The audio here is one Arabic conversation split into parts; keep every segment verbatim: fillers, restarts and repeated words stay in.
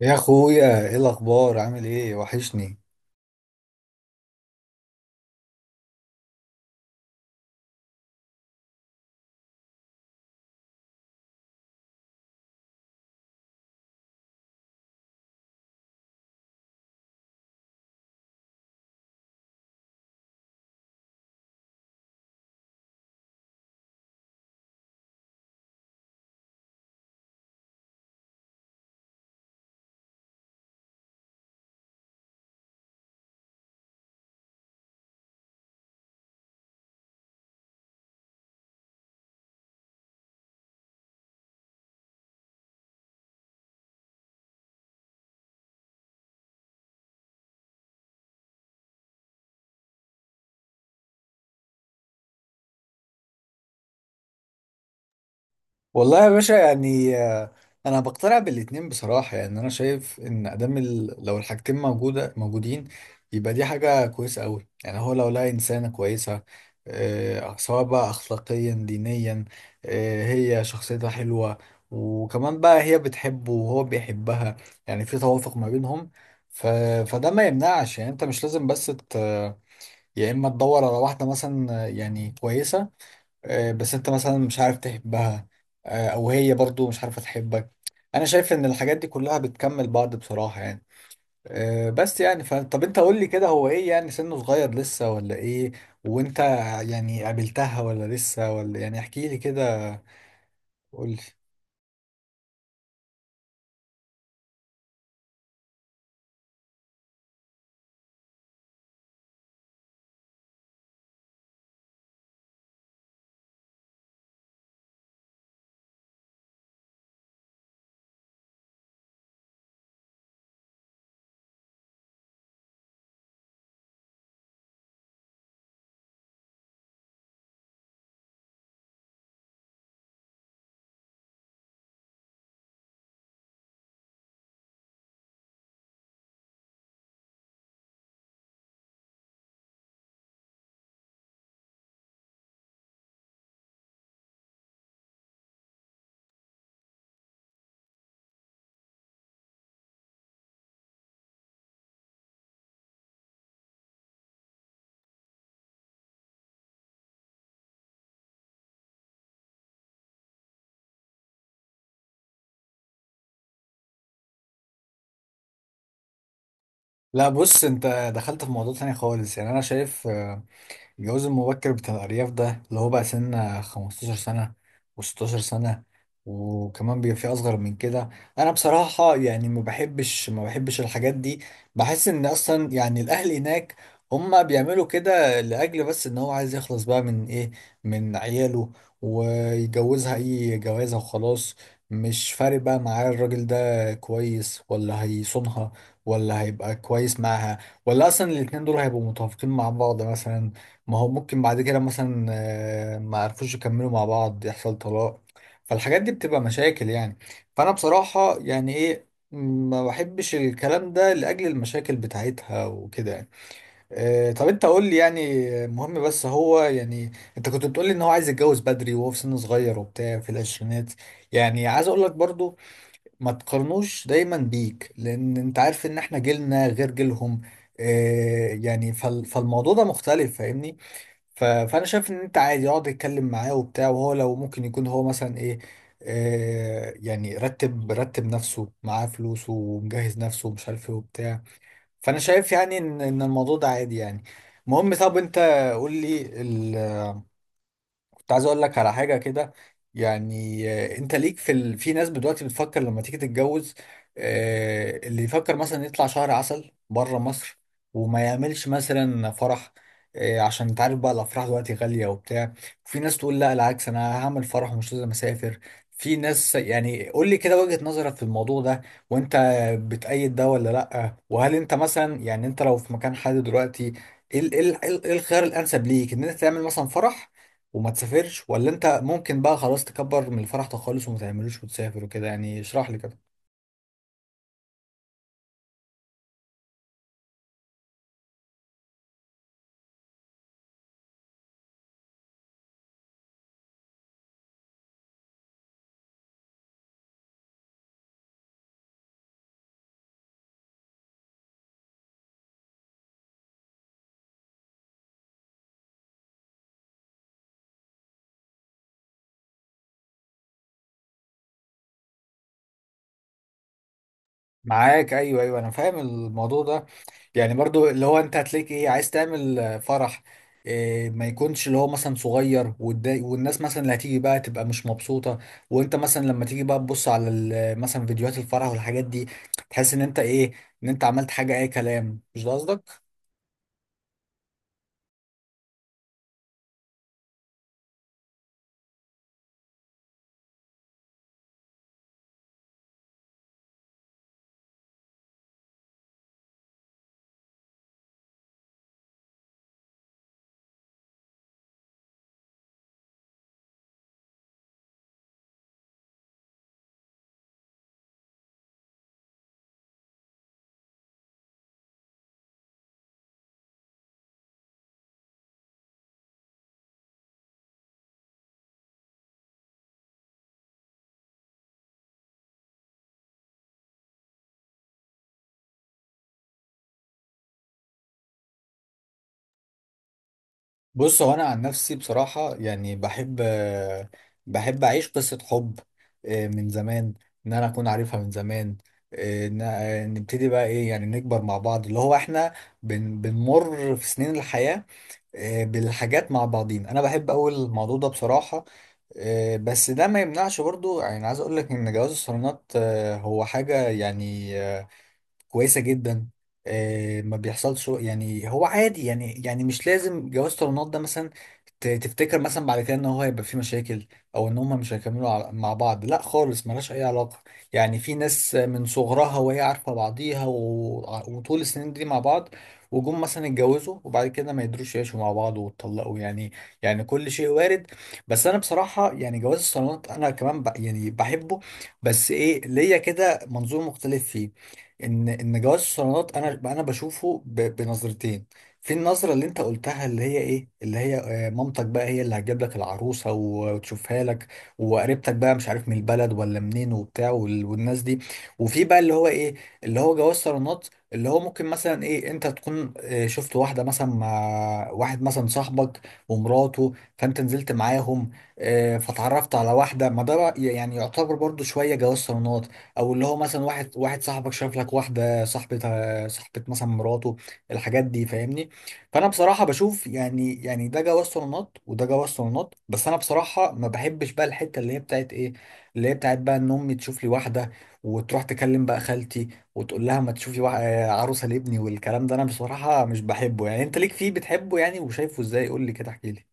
يا اخويا ايه الاخبار؟ عامل ايه؟ وحشني. والله يا باشا، يعني آه، انا بقتنع بالاتنين بصراحه. يعني انا شايف ان ادام ال- لو الحاجتين موجوده موجودين يبقى دي حاجه كويسه قوي. يعني هو لو لقى انسانه كويسه، آه، سواء بقى اخلاقيا دينيا، آه، هي شخصيتها حلوه، وكمان بقى هي بتحبه وهو بيحبها، يعني في توافق ما بينهم. ف... فده ما يمنعش. يعني انت مش لازم بس ت... يا اما تدور على واحده مثلا آه، يعني كويسه، آه، بس انت مثلا مش عارف تحبها، آه، او هي برضو مش عارفة تحبك. انا شايف ان الحاجات دي كلها بتكمل بعض بصراحة يعني. آه، بس يعني ف... طب انت قول لي كده، هو ايه يعني؟ سنه صغير لسه ولا ايه؟ وانت يعني قابلتها ولا لسه؟ ولا يعني احكي لي كده، قول لي. لا، بص انت دخلت في موضوع تاني خالص. يعني انا شايف آه، الجواز المبكر بتاع الأرياف ده اللي هو بقى سن خمسة عشر سنة و16 سنة، وكمان بيبقى في أصغر من كده. أنا بصراحة يعني ما بحبش ما بحبش الحاجات دي. بحس إن أصلا يعني الأهل هناك هما بيعملوا كده لأجل بس إن هو عايز يخلص بقى من إيه، من عياله، ويجوزها أي جوازة وخلاص. مش فارق بقى معاه الراجل ده كويس ولا هيصونها، ولا هيبقى كويس معاها، ولا اصلا الاتنين دول هيبقوا متوافقين مع بعض مثلا. ما هو ممكن بعد كده مثلا آه، ما عرفوش يكملوا مع بعض، يحصل طلاق. فالحاجات دي بتبقى مشاكل يعني. فانا بصراحة يعني ايه، ما بحبش الكلام ده لأجل المشاكل بتاعتها وكده يعني. آه، طب انت قول لي يعني، آه، مهم بس هو يعني، انت كنت بتقول لي ان هو عايز يتجوز بدري وهو في سن صغير وبتاع في العشرينات. يعني عايز اقول لك برضو ما تقارنوش دايما بيك، لان انت عارف ان احنا جيلنا غير جيلهم. آه، يعني فال- فالموضوع ده مختلف، فاهمني؟ ف... فانا شايف ان انت عادي اقعد اتكلم معاه وبتاع، وهو لو ممكن يكون هو مثلا ايه، آه يعني رتب رتب نفسه، معاه فلوسه ومجهز نفسه ومش عارف ايه وبتاع. فانا شايف يعني ان ان الموضوع ده عادي يعني. المهم، طب انت قول لي، كنت عايز اقول لك على حاجه كده. يعني آه، انت ليك في ال... في ناس دلوقتي بتفكر لما تيجي تتجوز، آه، اللي يفكر مثلا يطلع شهر عسل بره مصر وما يعملش مثلا فرح، آه، عشان انت عارف بقى الافراح دلوقتي غاليه وبتاع. في ناس تقول لا، العكس، انا هعمل فرح ومش لازم اسافر. في ناس يعني قول لي كده وجهه نظرك في الموضوع ده، وانت بتأيد ده ولا لا؟ وهل انت مثلا يعني انت لو في مكان حد دلوقتي، ايه ال- إيه ال- إيه الخيار الانسب ليك؟ ان انت تعمل مثلا فرح وما تسافرش، ولا انت ممكن بقى خلاص تكبر من الفرح ده خالص وما تعملوش وتسافر وكده؟ يعني اشرح لي كده. معاك، ايوه ايوه، انا فاهم الموضوع ده. يعني برضو اللي هو انت هتلاقيك ايه، عايز تعمل آه، فرح، إيه ما يكونش اللي هو مثلا صغير والدا- والناس مثلا اللي هتيجي بقى تبقى مش مبسوطة، وانت مثلا لما تيجي بقى تبص على ال- مثلا فيديوهات الفرح والحاجات دي تحس ان انت ايه، ان انت عملت حاجة اي كلام، مش ده قصدك. بص، هو انا عن نفسي بصراحه يعني بحب، آه، بحب اعيش قصه حب آه، من زمان، ان انا اكون عارفها من زمان، آه، ن- آه، نبتدي بقى ايه، يعني نكبر مع بعض، اللي هو احنا بن بنمر في سنين الحياه آه، بالحاجات مع بعضين. انا بحب اول الموضوع ده بصراحه. آه، بس ده ما يمنعش برضو، يعني عايز اقول لك ان جواز الصالونات آه، هو حاجه يعني آه، كويسه جدا. آه، ما بيحصلش يعني، هو عادي يعني. يعني مش لازم جواز طالونات ده مثلا ت- تفتكر مثلا بعد كده ان هو هيبقى فيه مشاكل او ان هما مش هيكملوا ع- مع بعض، لا خالص، ملهاش اي علاقه. يعني في ناس من صغرها وهي عارفه بعضيها و... وطول السنين دي مع بعض، وجم مثلا اتجوزوا وبعد كده ما يقدروش يعيشوا مع بعض واتطلقوا يعني. يعني كل شيء وارد. بس انا بصراحه يعني جواز الصالونات انا كمان ب... يعني بحبه، بس ايه، ليا كده منظور مختلف فيه. ان ان جواز الصالونات انا انا بشوفه ب... بنظرتين. في النظره اللي انت قلتها اللي هي ايه، اللي هي آه، مامتك بقى هي اللي هتجيب لك العروسه و- وتشوفها لك، وقريبتك بقى مش عارف من البلد ولا منين وبتاع وال... والناس دي. وفي بقى اللي هو ايه، اللي هو جواز صالونات اللي هو ممكن مثلا ايه، انت تكون آه، شفت واحده مثلا مع واحد مثلا صاحبك ومراته، فانت نزلت معاهم، آه، فتعرفت على واحده. ما ده بقى يعني يعتبر برضو شويه جواز صالونات. او اللي هو مثلا واحد واحد صاحبك شاف لك واحده صاحبتها صاحبه مثلا مراته، الحاجات دي فاهمني. فانا بصراحه بشوف يعني، يعني ده جواز صالونات وده جواز صالونات. بس انا بصراحه ما بحبش بقى الحته اللي هي بتاعت ايه، اللي هي بتاعت بقى ان امي تشوف لي واحده وتروح تكلم بقى خالتي وتقول لها ما تشوفي وا- آه، عروسه لابني، والكلام ده انا بصراحه مش بحبه. يعني انت ليك فيه، بتحبه يعني وشايفه ازاي؟ قول لي كده، احكي لي.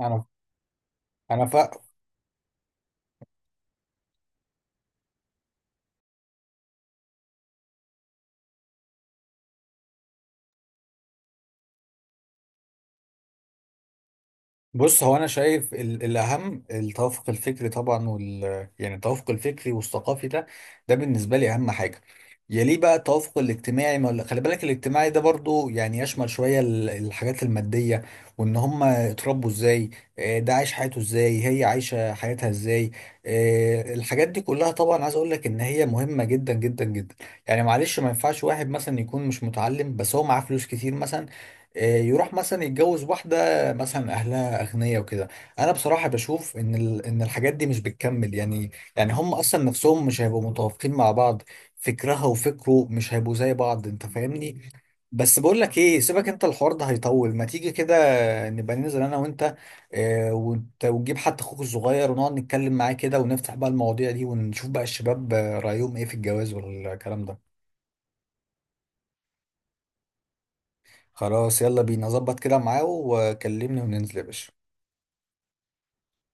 انا انا فا... بص، هو انا شايف ال- الاهم التوافق الفكري طبعا وال يعني التوافق الفكري والثقافي ده، ده بالنسبه لي اهم حاجه. يليه بقى التوافق الاجتماعي. ما ولا- خلي بالك الاجتماعي ده برضو يعني يشمل شويه ال- الحاجات الماديه، وان هم اتربوا ازاي، آه، ده عايش حياته ازاي، هي عايشه حياتها ازاي. آه، الحاجات دي كلها طبعا عايز اقول لك ان هي مهمه جدا جدا جدا. يعني معلش، ما ينفعش واحد مثلا يكون مش متعلم بس هو معاه فلوس كتير مثلا، آه، يروح مثلا يتجوز واحدة مثلا اهلها اغنياء وكده. انا بصراحه بشوف ان ال... ان الحاجات دي مش بتكمل يعني. يعني هم اصلا نفسهم مش هيبقوا متوافقين مع بعض، فكرها وفكره مش هيبقوا زي بعض، انت فاهمني. بس بقول لك ايه، سيبك انت، الحوار ده هيطول، ما تيجي كده نبقى ننزل انا وانت آه وت- ونجيب حتى اخوك الصغير، ونقعد نتكلم معاه كده، ونفتح بقى المواضيع دي، ونشوف بقى الشباب آه، رايهم ايه في الجواز والكلام ده. خلاص، يلا بينا، ظبط كده معاه وكلمني وننزل يا باشا.